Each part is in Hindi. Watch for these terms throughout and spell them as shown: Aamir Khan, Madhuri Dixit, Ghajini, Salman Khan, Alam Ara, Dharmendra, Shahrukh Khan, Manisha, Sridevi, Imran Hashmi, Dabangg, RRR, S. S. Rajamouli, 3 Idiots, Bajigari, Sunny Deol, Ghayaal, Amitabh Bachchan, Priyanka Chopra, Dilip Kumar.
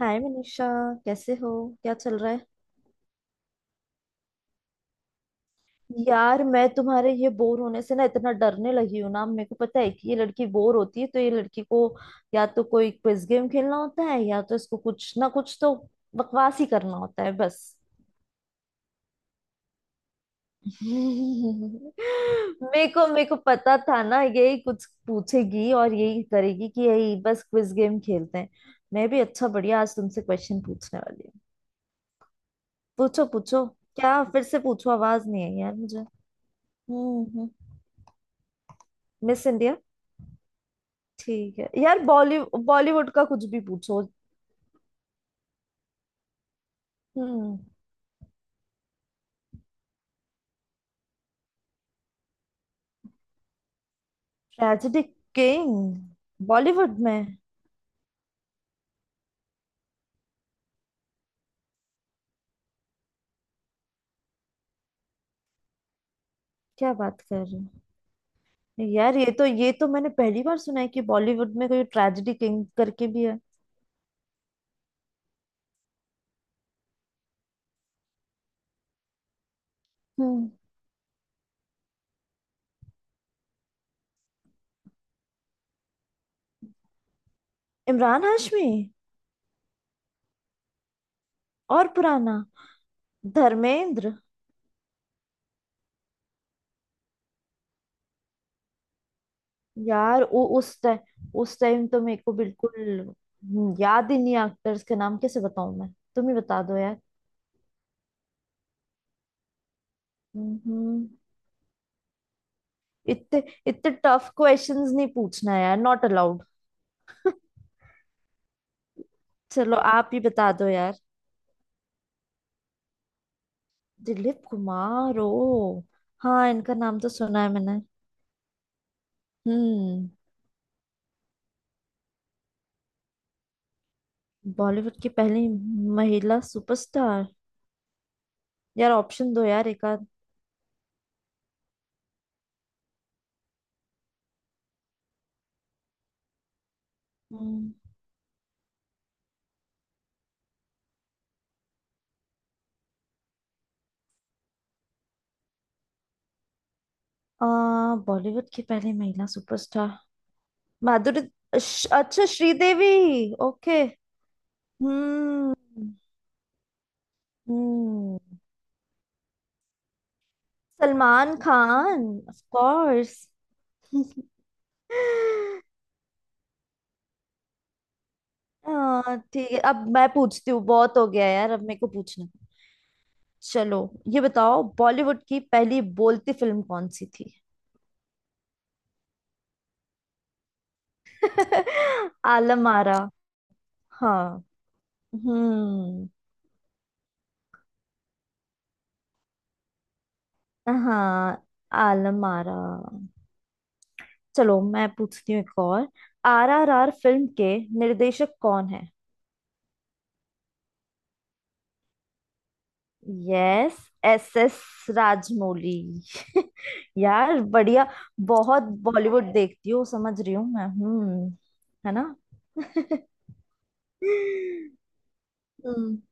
हाय मनीषा। कैसे हो? क्या चल रहा है? यार मैं तुम्हारे ये बोर होने से ना इतना डरने लगी हूँ ना। मेरे को पता है कि ये लड़की बोर होती है तो ये लड़की को या तो कोई क्विज गेम खेलना होता है या तो इसको कुछ ना कुछ तो बकवास ही करना होता है बस। मेरे को पता था ना यही कुछ पूछेगी और यही करेगी कि यही बस क्विज गेम खेलते हैं। मैं भी अच्छा बढ़िया, आज तुमसे क्वेश्चन पूछने वाली हूँ। पूछो पूछो। क्या फिर से पूछो, आवाज नहीं आई यार मुझे। हम्म। Miss India? ठीक है यार, बॉलीवुड बॉलीवुड का कुछ भी पूछो। हम्म। Tragic king? बॉलीवुड में? क्या बात कर रहे हो यार, ये तो मैंने पहली बार सुना है कि बॉलीवुड में कोई ट्रेजेडी किंग करके भी है। हम्म। इमरान हाशमी। और पुराना? धर्मेंद्र। यार वो उस टाइम, तो मेरे को बिल्कुल, याद ही नहीं, एक्टर्स के नाम कैसे बताऊं मैं? तुम ही बता दो यार। हम्म। इतने इतने टफ क्वेश्चंस नहीं पूछना यार, नॉट अलाउड। चलो आप ही बता दो यार। दिलीप कुमार, ओ हाँ, इनका नाम तो सुना है मैंने। हम्म। बॉलीवुड की पहली महिला सुपरस्टार? यार ऑप्शन दो यार एक आध। हम्म, आ बॉलीवुड की पहली महिला सुपरस्टार। माधुरी। अच्छा, Sridevi. Okay. Hmm hmm. Salman Khan, of course. हाँ ठीक है, अब मैं पूछती हूँ, बहुत हो गया यार, अब मेरे को पूछना। चलो ये बताओ, बॉलीवुड की पहली बोलती फिल्म कौन सी थी? आलम आरा। हाँ। हम्म। हाँ, आलम आरा। चलो मैं पूछती हूँ एक और, आरआरआर फिल्म के निर्देशक कौन है? Yes, S S Rajamouli. यार बढ़िया, बहुत बॉलीवुड देखती हूँ, समझ रही हूँ मैं। हम्म। है ना? हम्म,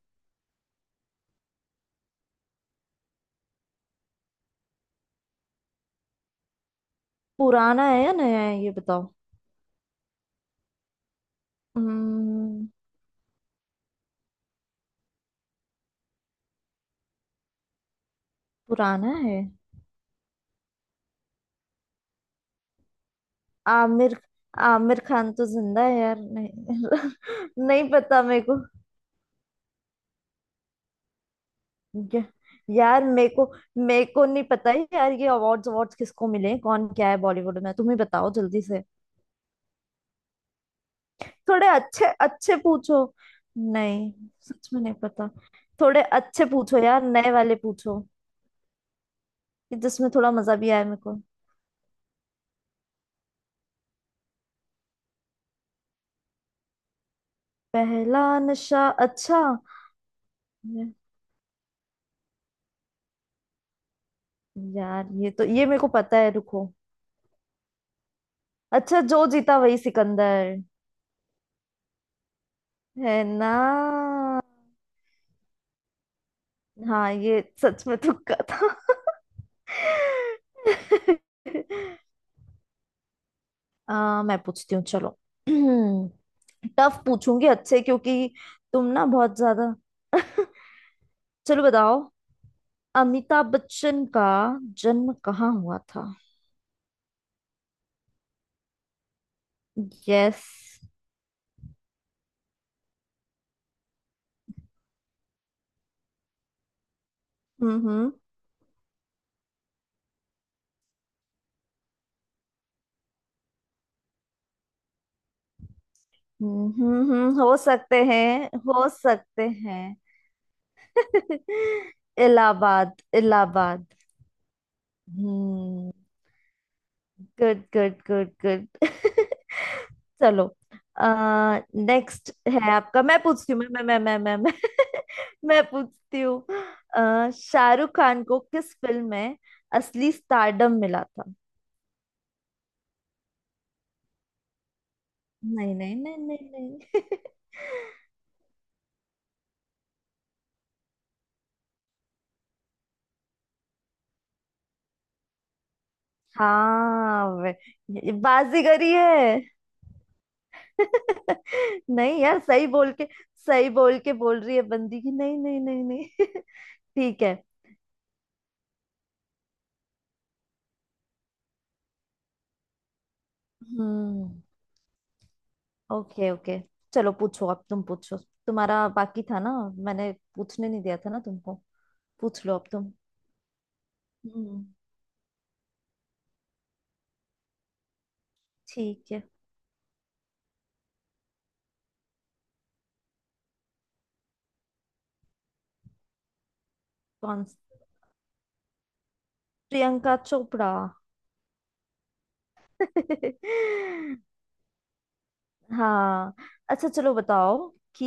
पुराना है या नया है ये बताओ। हम्म, पुराना है। आमिर आमिर खान तो जिंदा है यार, नहीं नहीं पता मेरे को। या, यार मेरे को, नहीं पता है यार, ये अवार्ड्स अवार्ड्स किसको मिले, कौन क्या है बॉलीवुड में, तुम ही बताओ जल्दी से। थोड़े अच्छे अच्छे पूछो। नहीं, सच में नहीं पता। थोड़े अच्छे पूछो यार, नए वाले पूछो, कि जिसमें थोड़ा मजा भी आए मेरे को। पहला नशा? अच्छा। यार ये तो ये मेरे को पता है, रुको। अच्छा, जो जीता वही सिकंदर। है ना? हाँ, ये सच में तुक्का था। मैं पूछती हूँ, चलो। टफ पूछूंगी अच्छे, क्योंकि तुम ना बहुत ज्यादा। चलो बताओ, अमिताभ बच्चन का जन्म कहाँ हुआ था? यस। हम्म। हो सकते हैं, हो सकते हैं। Allahabad. Allahabad. Hmm. Good good good good. चलो। आ, नेक्स्ट है आपका, मैं पूछती हूँ, मैं। मैं पूछती हूँ, शाहरुख खान को किस फिल्म में असली स्टारडम मिला था? नहीं नहीं नहीं नहीं नहीं। हाँ, ये बाजीगरी है। नहीं यार, सही बोल के बोल रही है बंदी की, नहीं नहीं नहीं नहीं। ठीक है। हम्म। Okay okay. चलो पूछो, अब तुम पूछो, तुम्हारा बाकी था ना, मैंने पूछने नहीं दिया था ना तुमको। पूछ लो अब तुम। हम्म। ठीक है। कौन? प्रियंका चोपड़ा। हाँ। अच्छा चलो बताओ कि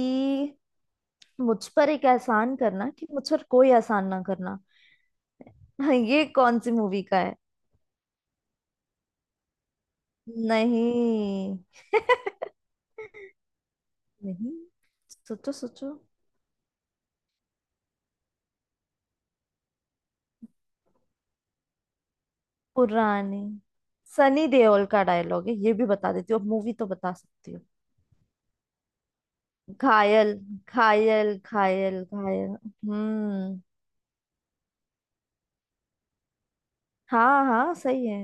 मुझ पर एक एहसान करना कि मुझ पर कोई एहसान ना करना। ये कौन सी मूवी का है? नहीं। नहीं, सोचो सोचो। पुरानी। सनी देओल का डायलॉग है, ये भी बता देती हूँ, अब मूवी तो बता सकती हूँ। घायल। घायल घायल घायल। हम्म। हाँ हाँ, सही है।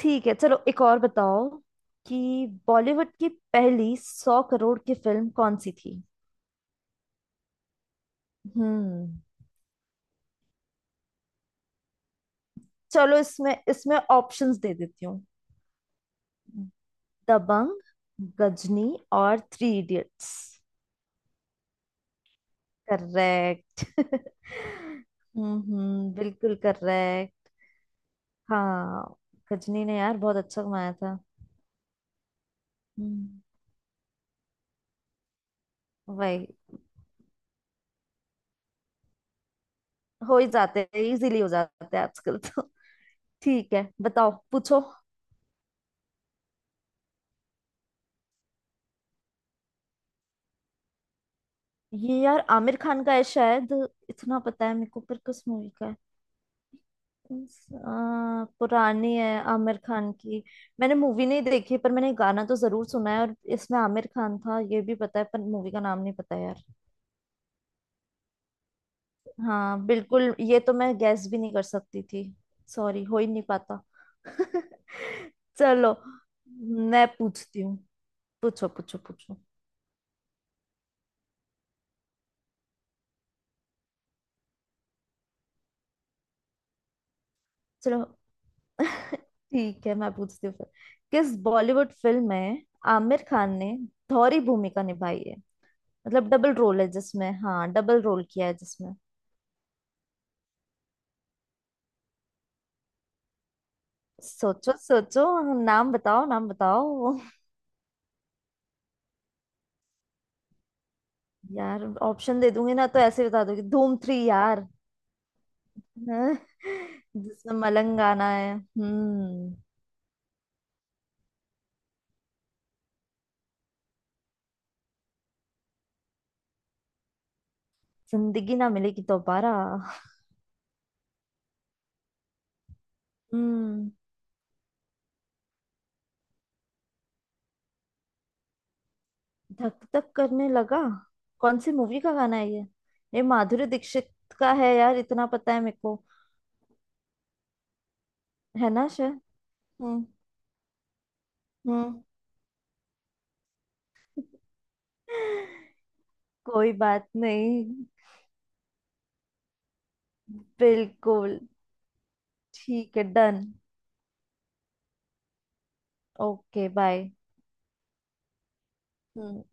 ठीक है चलो, एक और बताओ कि बॉलीवुड की पहली 100 करोड़ की फिल्म कौन सी थी? हम्म। चलो इसमें इसमें ऑप्शंस दे देती हूँ। दबंग, गजनी और थ्री इडियट्स। करेक्ट। हम्म, बिल्कुल करेक्ट। हाँ। गजनी ने यार बहुत अच्छा कमाया था। हम्म। वही, हो ही जाते हैं, इजीली हो जाते हैं आजकल तो। ठीक है, बताओ, पूछो। ये यार आमिर खान का है शायद, इतना पता है मेरे को, पर किस मूवी का है? पुरानी है, आमिर खान की। मैंने मूवी नहीं देखी पर मैंने गाना तो जरूर सुना है, और इसमें आमिर खान था ये भी पता है, पर मूवी का नाम नहीं पता यार। हाँ बिल्कुल, ये तो मैं गैस भी नहीं कर सकती थी। सॉरी, हो ही नहीं पाता। चलो मैं पूछती हूँ। पूछो पूछो पूछो। चलो ठीक है, मैं पूछती हूँ फिर, किस बॉलीवुड फिल्म में आमिर खान ने धौरी भूमिका निभाई है? मतलब डबल रोल है जिसमें, हाँ डबल रोल किया है जिसमें। सोचो सोचो। नाम बताओ, नाम बताओ। यार ऑप्शन दे दूंगी ना तो ऐसे बता दोगे, धूम थ्री यार। हाँ, जिसमें मलंग गाना है। हम्म। जिंदगी ना मिलेगी दोबारा। हम्म। धक धक करने लगा, कौन सी मूवी का गाना है ये? ये माधुरी दीक्षित का है यार, इतना पता है मेरे को। है ना? श्योर। हम्म हम्म। कोई बात नहीं। बिल्कुल। ठीक है, डन। Okay bye. हम्म।